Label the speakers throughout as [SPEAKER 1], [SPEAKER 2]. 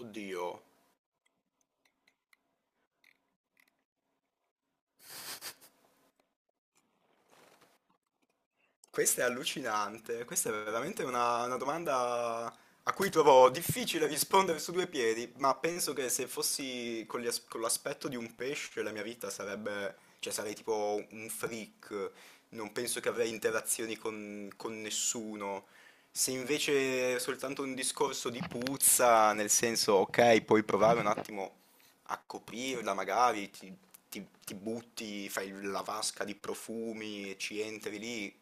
[SPEAKER 1] Mm. Oddio, questa è allucinante, questa è veramente una domanda a cui trovo difficile rispondere su due piedi, ma penso che se fossi con l'aspetto di un pesce la mia vita sarebbe, cioè sarei tipo un freak, non penso che avrei interazioni con nessuno. Se invece è soltanto un discorso di puzza, nel senso, ok, puoi provare un attimo a coprirla magari, ti butti, fai la vasca di profumi e ci entri lì.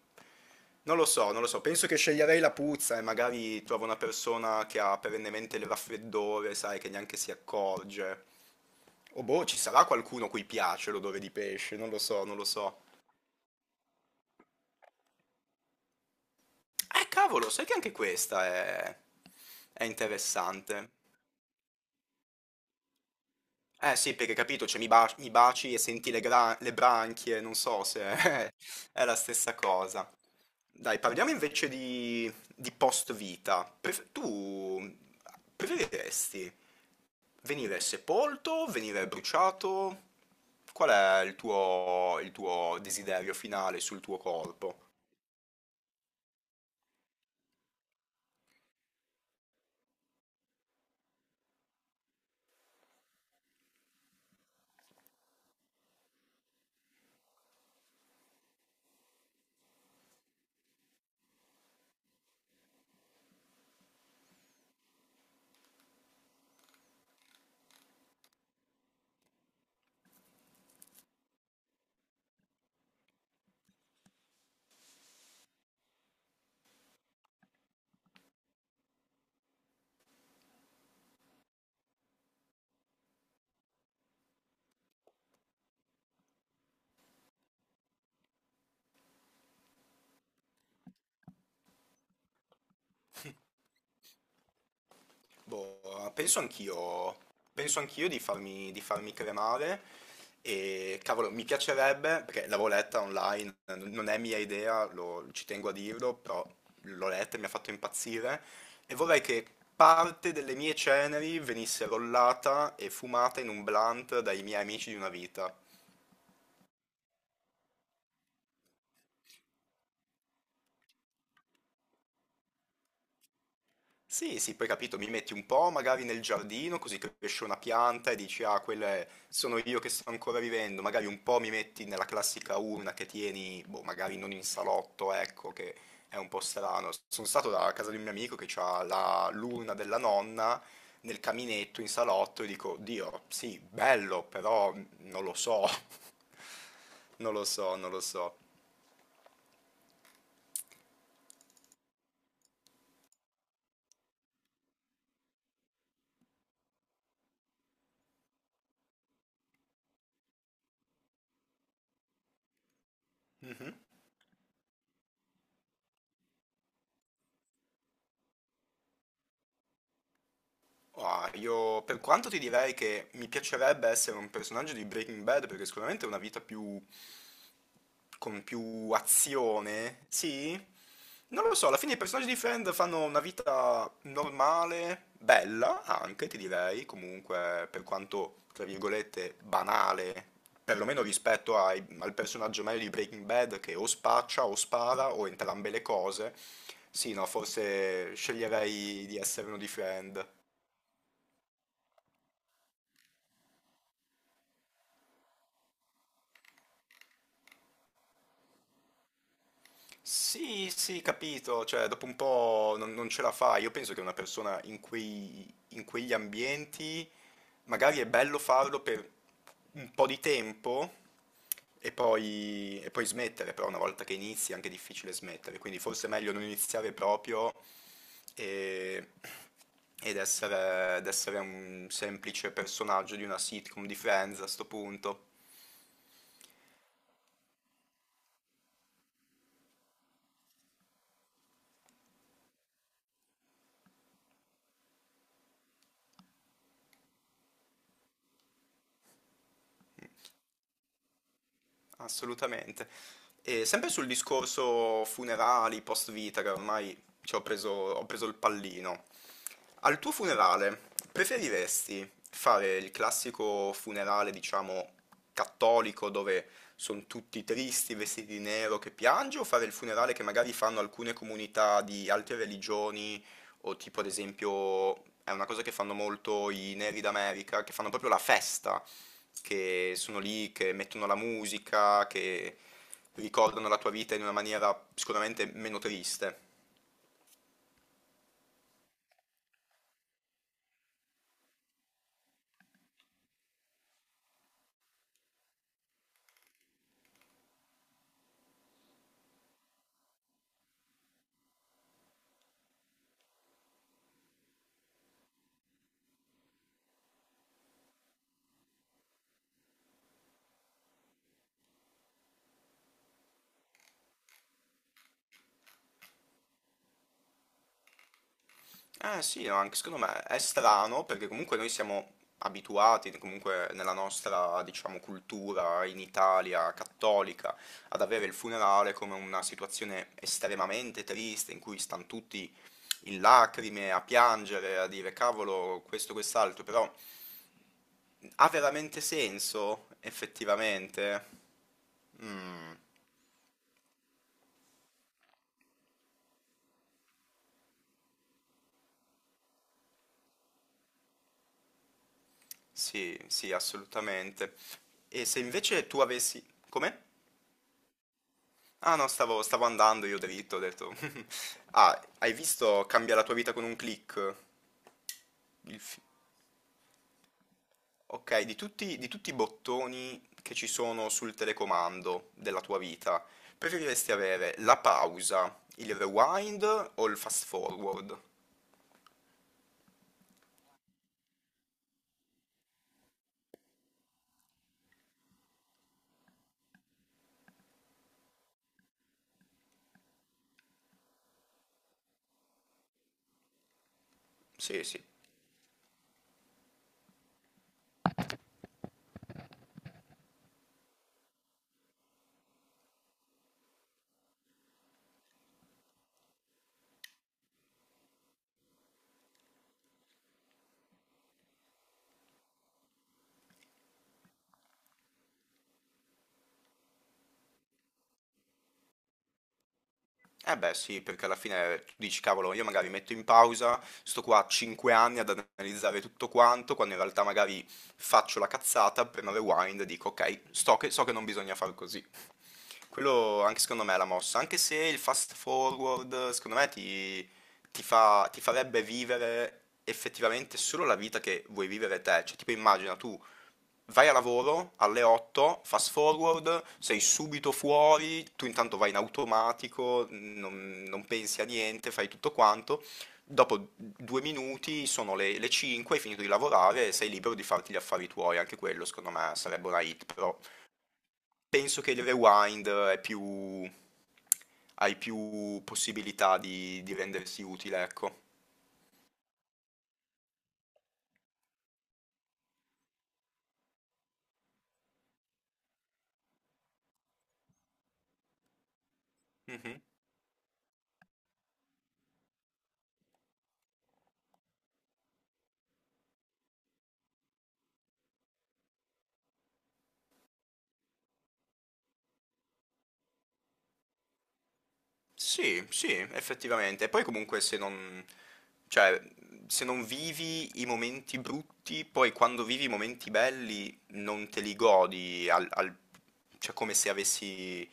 [SPEAKER 1] Non lo so, non lo so, penso che sceglierei la puzza e magari trovo una persona che ha perennemente il raffreddore, sai, che neanche si accorge. O boh, ci sarà qualcuno a cui piace l'odore di pesce, non lo so, non lo so. Cavolo, sai che anche è interessante. Eh sì, perché capito, mi baci e senti le branchie, non so se è la stessa cosa. Dai, parliamo invece di post-vita. Tu preferiresti venire sepolto, venire bruciato? Qual è il tuo desiderio finale sul tuo corpo? Boh, penso anch'io di di farmi cremare e cavolo, mi piacerebbe, perché l'avevo letta online, non è mia idea, ci tengo a dirlo, però l'ho letta e mi ha fatto impazzire e vorrei che parte delle mie ceneri venisse rollata e fumata in un blunt dai miei amici di una vita. Sì, sì, poi capito, mi metti un po' magari nel giardino, così cresce una pianta e dici, ah, sono io che sto ancora vivendo. Magari un po' mi metti nella classica urna che tieni, boh, magari non in salotto, ecco, che è un po' strano. Sono stato da casa di un mio amico che ha l'urna della nonna nel caminetto in salotto e dico, Dio, sì, bello, però non lo so, non lo so, non lo so. Mhm. Ah, io per quanto ti direi che mi piacerebbe essere un personaggio di Breaking Bad perché sicuramente è una vita più con più azione, sì? Non lo so, alla fine i personaggi di Friend fanno una vita normale, bella anche, ti direi, comunque per quanto, tra virgolette, banale, perlomeno rispetto al personaggio medio di Breaking Bad che o spaccia o spara o entrambe le cose. Sì, no, forse sceglierei di essere uno di Friend. Sì, sì, capito, cioè dopo un po' non ce la fa. Io penso che una persona in in quegli ambienti magari è bello farlo per un po' di tempo e poi smettere, però una volta che inizi è anche difficile smettere, quindi forse è meglio non iniziare proprio e- ed essere un semplice personaggio di una sitcom di Friends a sto punto. Assolutamente. E sempre sul discorso funerali, post vita, che ormai ci ho preso il pallino. Al tuo funerale, preferiresti fare il classico funerale, diciamo, cattolico, dove sono tutti tristi, vestiti di nero, che piange, o fare il funerale che magari fanno alcune comunità di altre religioni, o tipo, ad esempio, è una cosa che fanno molto i neri d'America, che fanno proprio la festa che sono lì, che mettono la musica, che ricordano la tua vita in una maniera sicuramente meno triste. Eh sì, no, anche secondo me è strano perché comunque noi siamo abituati, comunque nella nostra, diciamo, cultura in Italia cattolica, ad avere il funerale come una situazione estremamente triste in cui stanno tutti in lacrime, a piangere, a dire cavolo, questo, quest'altro, però ha veramente senso effettivamente? Mm. Sì, sì, assolutamente. E se invece tu avessi... Come? Ah no, stavo andando io dritto, ho detto... Ah, hai visto Cambia la tua vita con un click? Il fi- Ok, di tutti i bottoni che ci sono sul telecomando della tua vita, preferiresti avere la pausa, il rewind o il fast forward? Sì, sì. Eh beh, sì, perché alla fine tu dici, cavolo, io magari metto in pausa, sto qua 5 anni ad analizzare tutto quanto, quando in realtà magari faccio la cazzata, premo rewind e dico, ok, so che non bisogna far così. Quello anche secondo me è la mossa, anche se il fast forward secondo me ti farebbe vivere effettivamente solo la vita che vuoi vivere te. Cioè, tipo immagina tu vai a lavoro alle 8, fast forward, sei subito fuori, tu intanto vai in automatico, non pensi a niente, fai tutto quanto. Dopo due minuti sono le 5, hai finito di lavorare e sei libero di farti gli affari tuoi. Anche quello, secondo me, sarebbe una hit, però penso che il rewind è più hai più possibilità di rendersi utile, ecco. Mhm. Sì, sì, effettivamente. E poi comunque cioè, se non vivi i momenti brutti, poi quando vivi i momenti belli non te li godi, cioè come se avessi...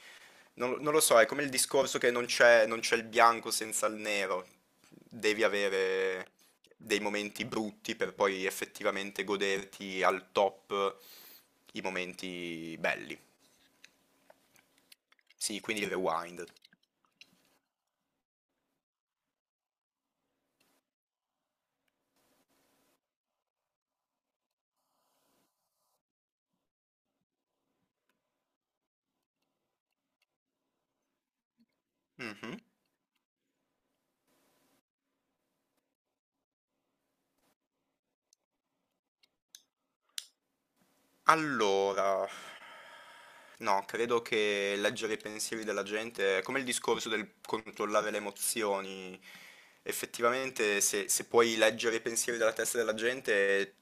[SPEAKER 1] Non, non lo so, è come il discorso che non c'è il bianco senza il nero. Devi avere dei momenti brutti per poi effettivamente goderti al top i momenti belli. Sì, quindi il rewind. Mhm. Allora, no, credo che leggere i pensieri della gente è come il discorso del controllare le emozioni. Effettivamente, se puoi leggere i pensieri della testa della gente,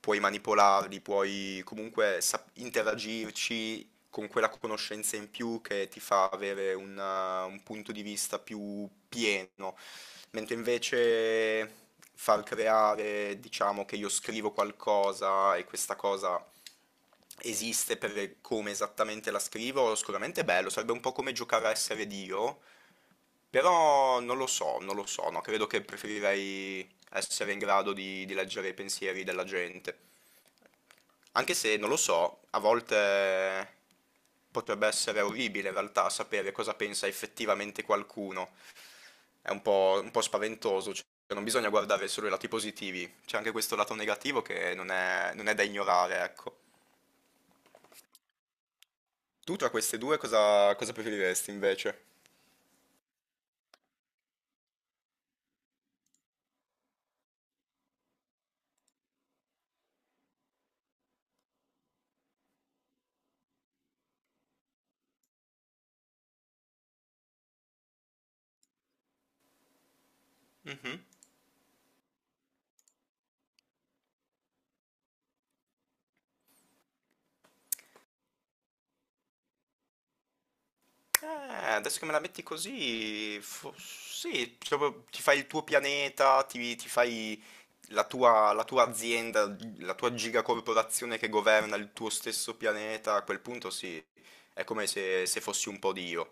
[SPEAKER 1] puoi manipolarli, puoi comunque interagirci, con quella conoscenza in più che ti fa avere un punto di vista più pieno, mentre invece far creare, diciamo che io scrivo qualcosa e questa cosa esiste per come esattamente la scrivo, sicuramente è bello, sarebbe un po' come giocare a essere Dio, però non lo so, non lo so, no, credo che preferirei essere in grado di leggere i pensieri della gente. Anche se, non lo so, a volte potrebbe essere orribile in realtà sapere cosa pensa effettivamente qualcuno. È un po' spaventoso, cioè non bisogna guardare solo i lati positivi, c'è anche questo lato negativo che non è da ignorare, ecco. Tu tra queste due cosa, cosa preferiresti invece? Mhm. Eh, adesso che me la metti così, sì, proprio ti fai il tuo pianeta, ti fai la tua azienda, la tua gigacorporazione che governa il tuo stesso pianeta, a quel punto sì, è come se fossi un po' Dio.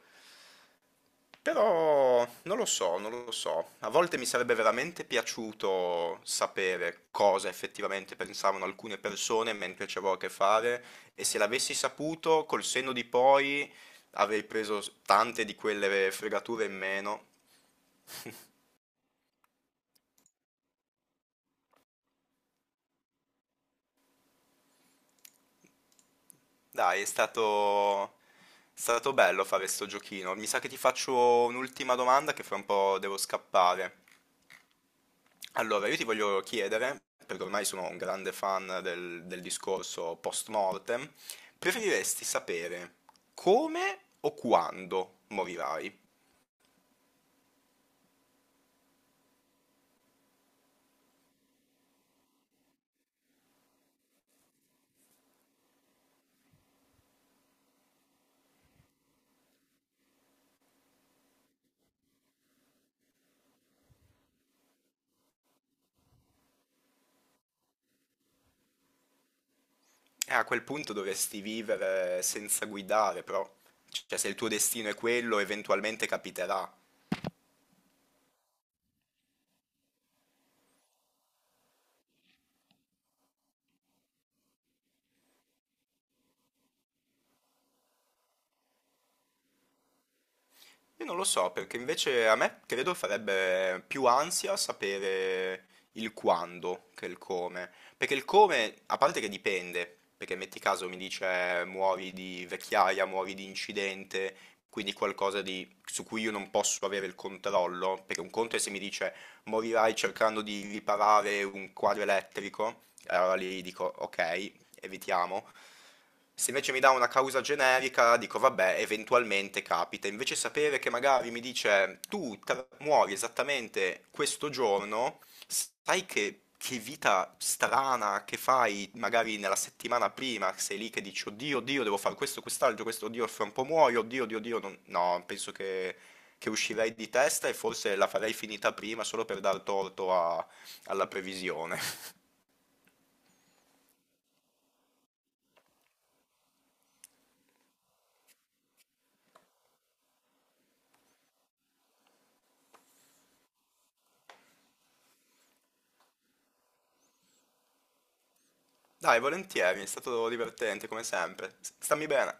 [SPEAKER 1] Però non lo so, non lo so. A volte mi sarebbe veramente piaciuto sapere cosa effettivamente pensavano alcune persone mentre ci avevo a che fare e se l'avessi saputo, col senno di poi avrei preso tante di quelle fregature in meno. Dai, è stato bello fare sto giochino. Mi sa che ti faccio un'ultima domanda che fra un po' devo scappare. Allora, io ti voglio chiedere, perché ormai sono un grande fan del discorso post mortem, preferiresti sapere come o quando morirai? E a quel punto dovresti vivere senza guidare, però, cioè se il tuo destino è quello, eventualmente capiterà. Io non lo so, perché invece a me credo farebbe più ansia sapere il quando che il come. Perché il come, a parte che dipende, perché metti caso mi dice muori di vecchiaia, muori di incidente, quindi qualcosa su cui io non posso avere il controllo, perché un conto è se mi dice morirai cercando di riparare un quadro elettrico, e allora lì dico ok, evitiamo. Se invece mi dà una causa generica, dico vabbè, eventualmente capita. Invece sapere che magari mi dice muori esattamente questo giorno, sai che vita strana che fai magari nella settimana prima, sei lì che dici oddio, oddio, devo fare questo, quest'altro, questo, oddio, fra un po' muoio, oddio, oddio, oddio, no, penso che uscirei di testa e forse la farei finita prima solo per dar torto alla previsione. Dai, volentieri, è stato divertente come sempre. Stammi bene.